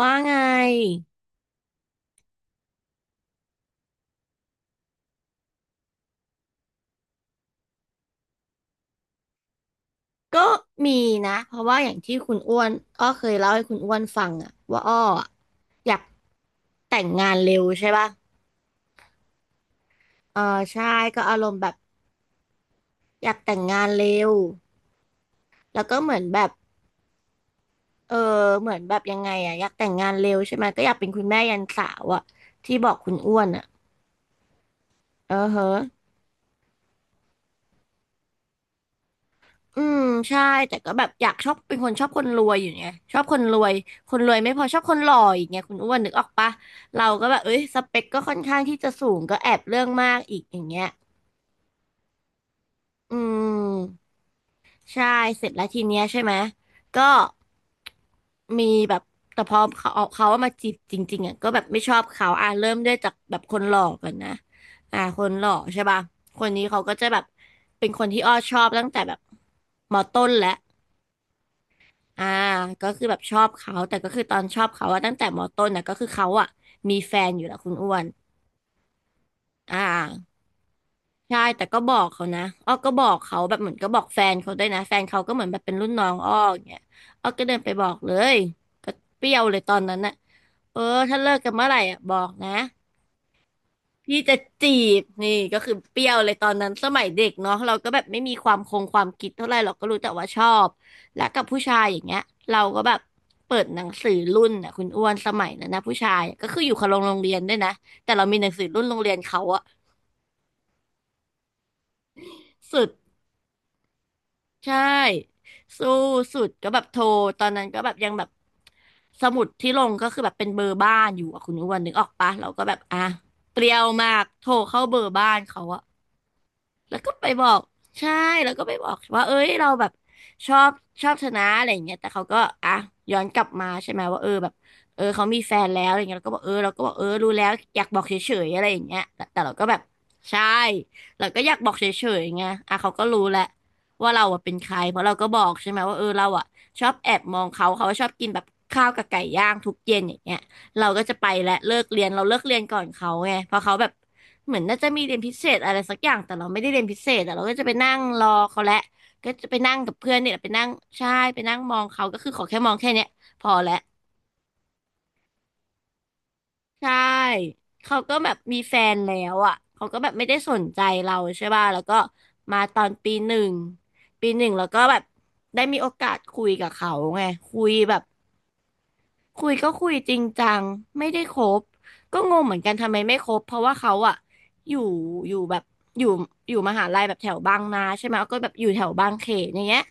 ว่าไงก็มีนะเพราะว่าอย่างที่คุณอ้วนอ้อเคยเล่าให้คุณอ้วนฟังอะว่าอ้ออะอยากแต่งงานเร็วใช่ป่ะเออใช่ก็อารมณ์แบบอยากแต่งงานเร็วแล้วก็เหมือนแบบเออเหมือนแบบยังไงอะอยากแต่งงานเร็วใช่ไหมก็อยากเป็นคุณแม่ยันสาวอะที่บอกคุณอ้วนอะเออเฮ้อ อืมใช่แต่ก็แบบอยากชอบเป็นคนชอบคนรวยอยู่ไงชอบคนรวยคนรวยไม่พอชอบคนหล่ออีกไงคุณอ้วนนึกออกปะเราก็แบบเอ้ยสเปคก็ค่อนข้างที่จะสูงก็แอบเรื่องมากอีกอย่างเงี้ยอืมใช่เสร็จแล้วทีเนี้ยใช่ไหมก็มีแบบแต่พอเขาเอามาจีบจริงๆอ่ะก็แบบไม่ชอบเขาอ่ะเริ่มด้วยจากแบบคนหล่อก่อนนะอ่าคนหล่อใช่ปะคนนี้เขาก็จะแบบเป็นคนที่อ้อชอบตั้งแต่แบบมอต้นแล้ว อ่าก็คือแบบชอบเขาแต่ก็คือตอนชอบเขาอะตั้งแต่มต้นนะก็คือเขาอะมีแฟนอยู่แล้วคุณอ้วนอ่าใช่แต่ก็บอกเขานะอ้อก็บอกเขาแบบเหมือนก็บอกแฟนเขาด้วยนะแฟนเขาก็เหมือนแบบเป็นรุ่นน้องอ้ออย่างเงี้ยอ้อก็เดินไปบอกเลยก็เปรี้ยวเลยตอนนั้นน่ะเออถ้าเลิกกันเมื่อไหร่อะบอกนะ พี่จะจีบนี่ก็คือเปรี้ยวเลยตอนนั้นสมัยเด็กเนาะเราก็แบบไม่มีความคงความคิดเท่าไหร่เราก็รู้แต่ว่าชอบและกับผู้ชายอย่างเงี้ยเราก็แบบเปิดหนังสือรุ่นอ่ะคุณอ้วนสมัยนั้นนะผู้ชายอะก็คืออยู่คนละโรงเรียนด้วยนะแต่เรามีหนังสือรุ่นโรงเรียนเขาอะสุดใช่สู้สุดก็แบบโทรตอนนั้นก็แบบยังแบบสมุดที่ลงก็คือแบบเป็นเบอร์บ้านอยู่อะคุณอ้วนนึกออกปะเราก็แบบอ่ะเปรี้ยวมากโทรเข้าเบอร์บ้านเขาอะ แล้วก็ไปบอกใช่แล้วก็ไปบอกว่าเอ้ยเราแบบชอบชอบชนะอะไรอย่างเงี้ยแต่เขาก็อ่ะย้อนกลับมาใช่ไหมว่าเออแบบเออเขามีแฟนแล้วอะไรเงี้ยเราก็บอกเออเราก็บอกเออรู้แล้วอยากบอกเฉยๆอะไรอย่างเงี้ยแต่เราก็แบบใช่เราก็อยากบอกเฉยๆไงอ่ะเขาก็รู้แหละว่าเราอะเป็นใครเพราะเราก็บอกใช่ไหมว่าเออเราอะชอบแอบมองเขาเขาชอบกินแบบข้าวกับไก่ย่างทุกเย็นอย่างเงี้ยเราก็จะไปและเลิกเรียนเราเลิกเรียนก่อนเขาไงเพราะเขาแบบ เหมือนน่าจะมีเรียนพิเศษอะไรสักอย่างแต่เราไม่ได้เรียนพิเศษแต่เราก็จะไปนั่งรอเขาแหละก็จะไปนั่งกับเพื่อนเนี่ยไปนั่งใช่ไปนั่งมองเขาก็คือขอแค่มองแค่เนี้ยพอแล้วใช่เขาก็แบบมีแฟนแล้วอ่ะเขาก็แบบไม่ได้สนใจเราใช่ป่ะแล้วก็มาตอนปีหนึ่งปีหนึ่งแล้วก็แบบได้มีโอกาสคุยกับเขาไงคุยแบบ คุยก็คุยจริงจังไม่ได้คบก็งงเหมือนกันทำไมไม่คบเพราะว่าเขาอะอยู่อยู่แบบอยู่อยู่มหาลัยแบบแถวบางนาใช่ไหมก็แบบอยู่แถวบางเขนอย่างเงี้ย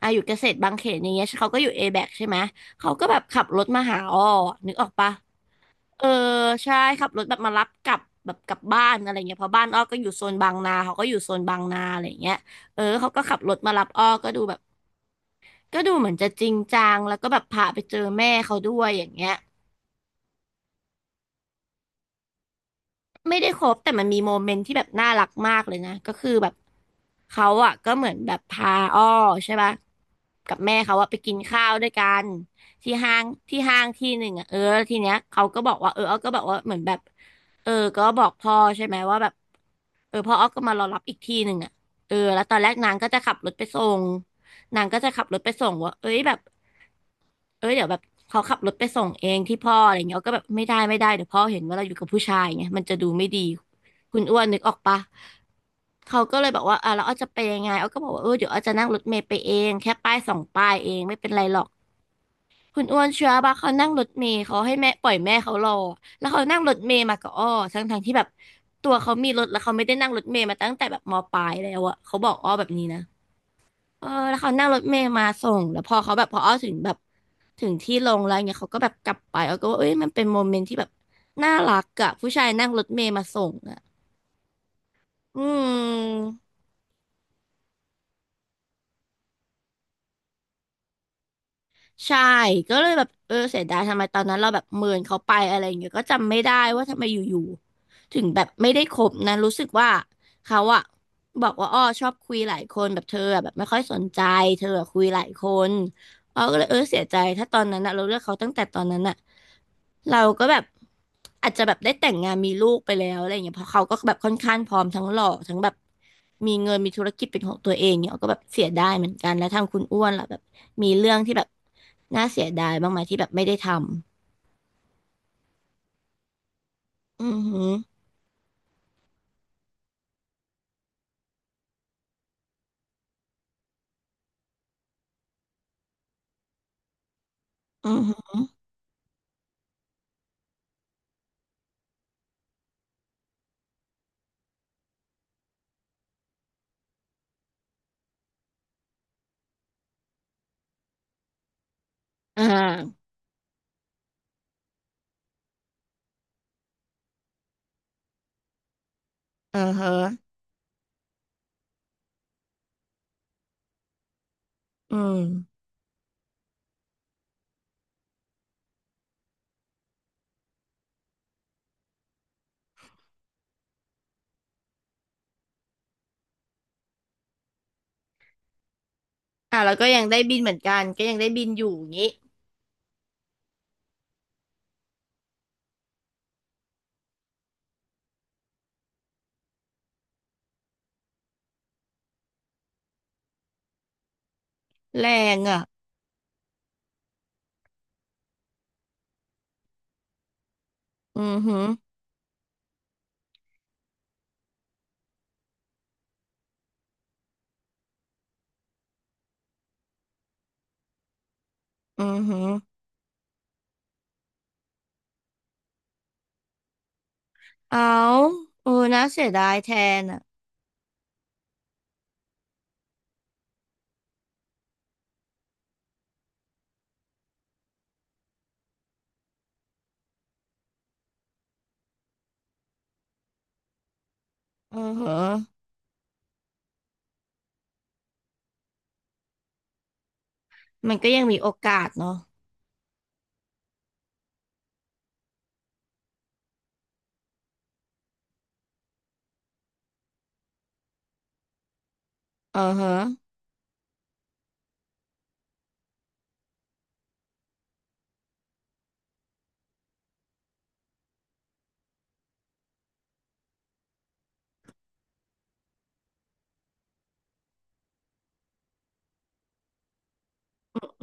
อ่ะอยู่เกษตรบางเขนอย่างเงี้ยเขาก็อยู่เอแบกใช่ไหมเขาก็แบบขับรถมาหาอ้อนึกออกปะเออใช่ขับรถแบบมารับกลับแบบกลับบ้านอะไรเงี้ยเพราะบ้านอ้อก็อยู่โซนบางนาเขาก็อยู่โซนบางนาอะไรเงี้ยเออเขาก็ขับรถมารับอ้อก็ดูแบบก็ดูเหมือนจะจริงจังแล้วก็แบบพาไปเจอแม่เขาด้วยอย่างเงี้ย ไม่ได้คบแต่มันมีโมเมนต์ที่แบบน่ารักมากเลยนะก็คือแบบเขาอ่ะก็เหมือนแบบพาอ้อใช่ปะกับแม่เขาอ่ะไปกินข้าวด้วยกันที่ห้างที่หนึ่งอ่ะเออแล้วทีเนี้ยเขาก็บอกว่าเอออ้อก็บอกว่าเหมือนแบบเออก็บอกพ่อใช่ไหมว่าแบบเออพ่ออ้อก็มารอรับอีกที่หนึ่งอ่ะเออแล้วตอนแรกนางก็จะขับรถไปส่งนางก็จะขับรถไปส่งว่าเอ้ยแบบ เอ้ยเดี๋ยวแบบเขาขับรถไปส่งเองที่พ่ออะไรเงี้ยก็แบบไม่ได้เดี๋ยวพ่อเห็นว่าเราอยู่กับผู้ชายเงี้ยมันจะดูไม่ดีคุณอ้วนนึกออกปะเขาก็เลยบอกว่าอ่ะแล้วอ้อจะไปยังไงอ้อก็บอกว่าเออเดี๋ยวอ้อจะนั่งรถเมล์ไปเองแค่ป้ายสองป้ายเองไม่เป็นไรหรอกคุณอ้วนเชื่อปะเขานั่งรถเมล์เขาให้แม่ปล่อยแม่เขารอแล้วเขานั่งรถเมล์มากับอ้อทั้งทงที่แบบตัวเขามีรถแล้วเขาไม่ได้นั่งรถเมล์มาตั้งแต่แบบมปลายแล้วอะเขาบอกอ้อแบบนี้นะ เออแล้วเขานั่งรถเมล์มาส่งแล้วพอเขาแบบพออ้อถึงแบบถึงที่ลงแล้วเงี้ยเขาก็แบบกลับไปอ้อก็ว่าเอ้ยมันเป็นโมเมนต์ที่แบบน่ารักอะผู้ชายนั่งรถเมล์มาส่งอะอืมใช่ก็เลยแบบเออเสียดายทำไมตอนนั้นเราแบบเมินเขาไปอะไรอย่างเงี้ยก็จำไม่ได้ว่าทำไมอยู่ๆถึงแบบไม่ได้คบนะรู้สึกว่าเขาอะบอกว่าอ้อชอบคุยหลายคนแบบเธออะแบบไม่ค่อยสนใจเธออะคุยหลายคน เ๋าก็เลยเออเสียใจถ้าตอนนั้นอะเราเลือกเขาตั้งแต่ตอนนั้นอะเราก็แบบอาจจะแบบได้แต่งงานมีลูกไปแล้วอะไรอย่างเงี้ยเพราะเขาก็แบบค่อนข้างพร้อมทั้งหล่อทั้งแบบมีเงินมีธุรกิจเป็นของตัวเองเนี่ยเราก็แบบเสียดายเหมือนกันแล้วทางคุณอ้วนล่ะแบบมีเรื่องที่แบบน่าเสียดายบ้างไหมที่แบบไม่ได้ทำอือหืออือหืออ่าอ่าฮะอืมอ่าแล้วก็ยังได้บินเหมือนกันก็ยังได้บินอยู่อย่างงี้แรงอ่ะอือหืออือหือ เอาเออน่าเสียดายแทนอ่ะเอือฮะมันก็ยังมีโอกาสเนาะเอือฮะ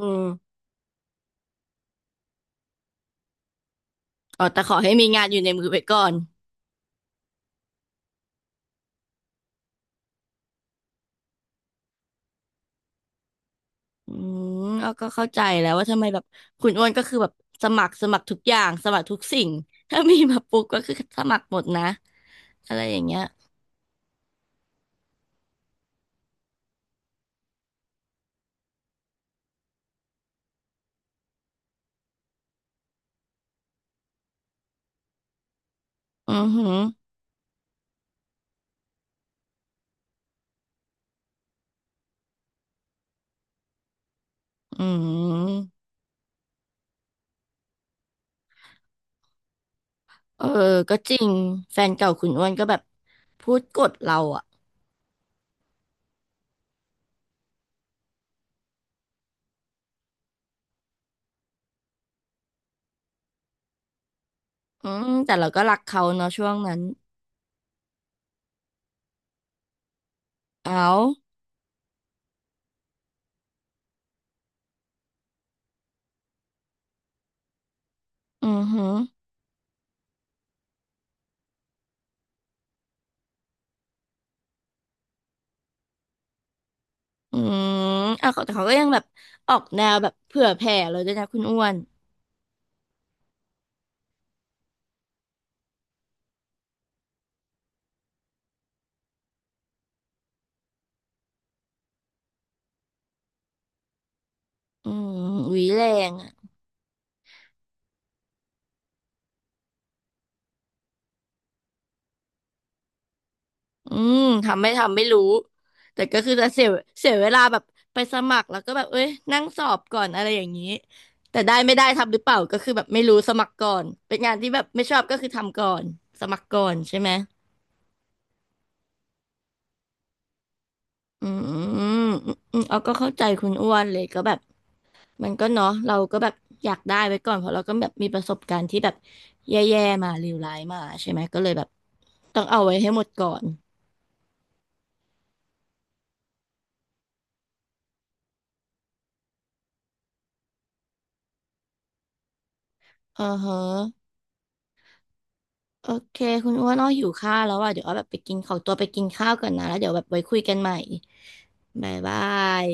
อืมอ๋อแต่ขอให้มีงานอยู่ในมือไว้ก่อนอืมเอาก็เข้าใจแล้วว่าทำไมแบบคุณอ้วนก็คือแบบสมัครทุกอย่างสมัครทุกสิ่งถ้ามีมาปุ๊บก็คือสมัครหมดนะอะไรอย่างเงี้ยอือหืออืมเออก็จริงแฟนเก่าคุณอ้วนก็แบบพูดกดเราอ่ะอืมแต่เราก็รักเขาเนาะช่วงนั้นเอาอือหือ อืมอ่ะเขาแต่เขาก็ยังแบบออกแนวแบบเผื่อแผ่เลยด้วยนะคุณอ้วนอืมหวีแรงอ่ะอืมทำไม่ทำไม่รู้แต่ก็คือจะเสียเวลาแบบไปสมัครแล้วก็แบบเอ้ยนั่งสอบก่อนอะไรอย่างนี้แต่ได้ไม่ได้ทำหรือเปล่าก็คือแบบไม่รู้สมัครก่อนเป็นงานที่แบบไม่ชอบก็คือทำก่อนสมัครก่อนใช่ไหม อืมเอาก็เข้าใจคุณอ้วนเลยก็แบบมันก็เนาะเราก็แบบอยากได้ไว้ก่อนเพราะเราก็แบบมีประสบการณ์ที่แบบแย่ๆมาเลวร้ายมาใช่ไหมก็เลยแบบต้องเอาไว้ให้หมดก่อนเออฮะโอเคคุณอ้วนอ้อหิวข้าวแล้วอ่ะเดี๋ยวอ้อแบบไปกินขอตัวไปกินข้าวก่อนนะแล้วเดี๋ยวแบบไว้คุยกันใหม่บ๊ายบาย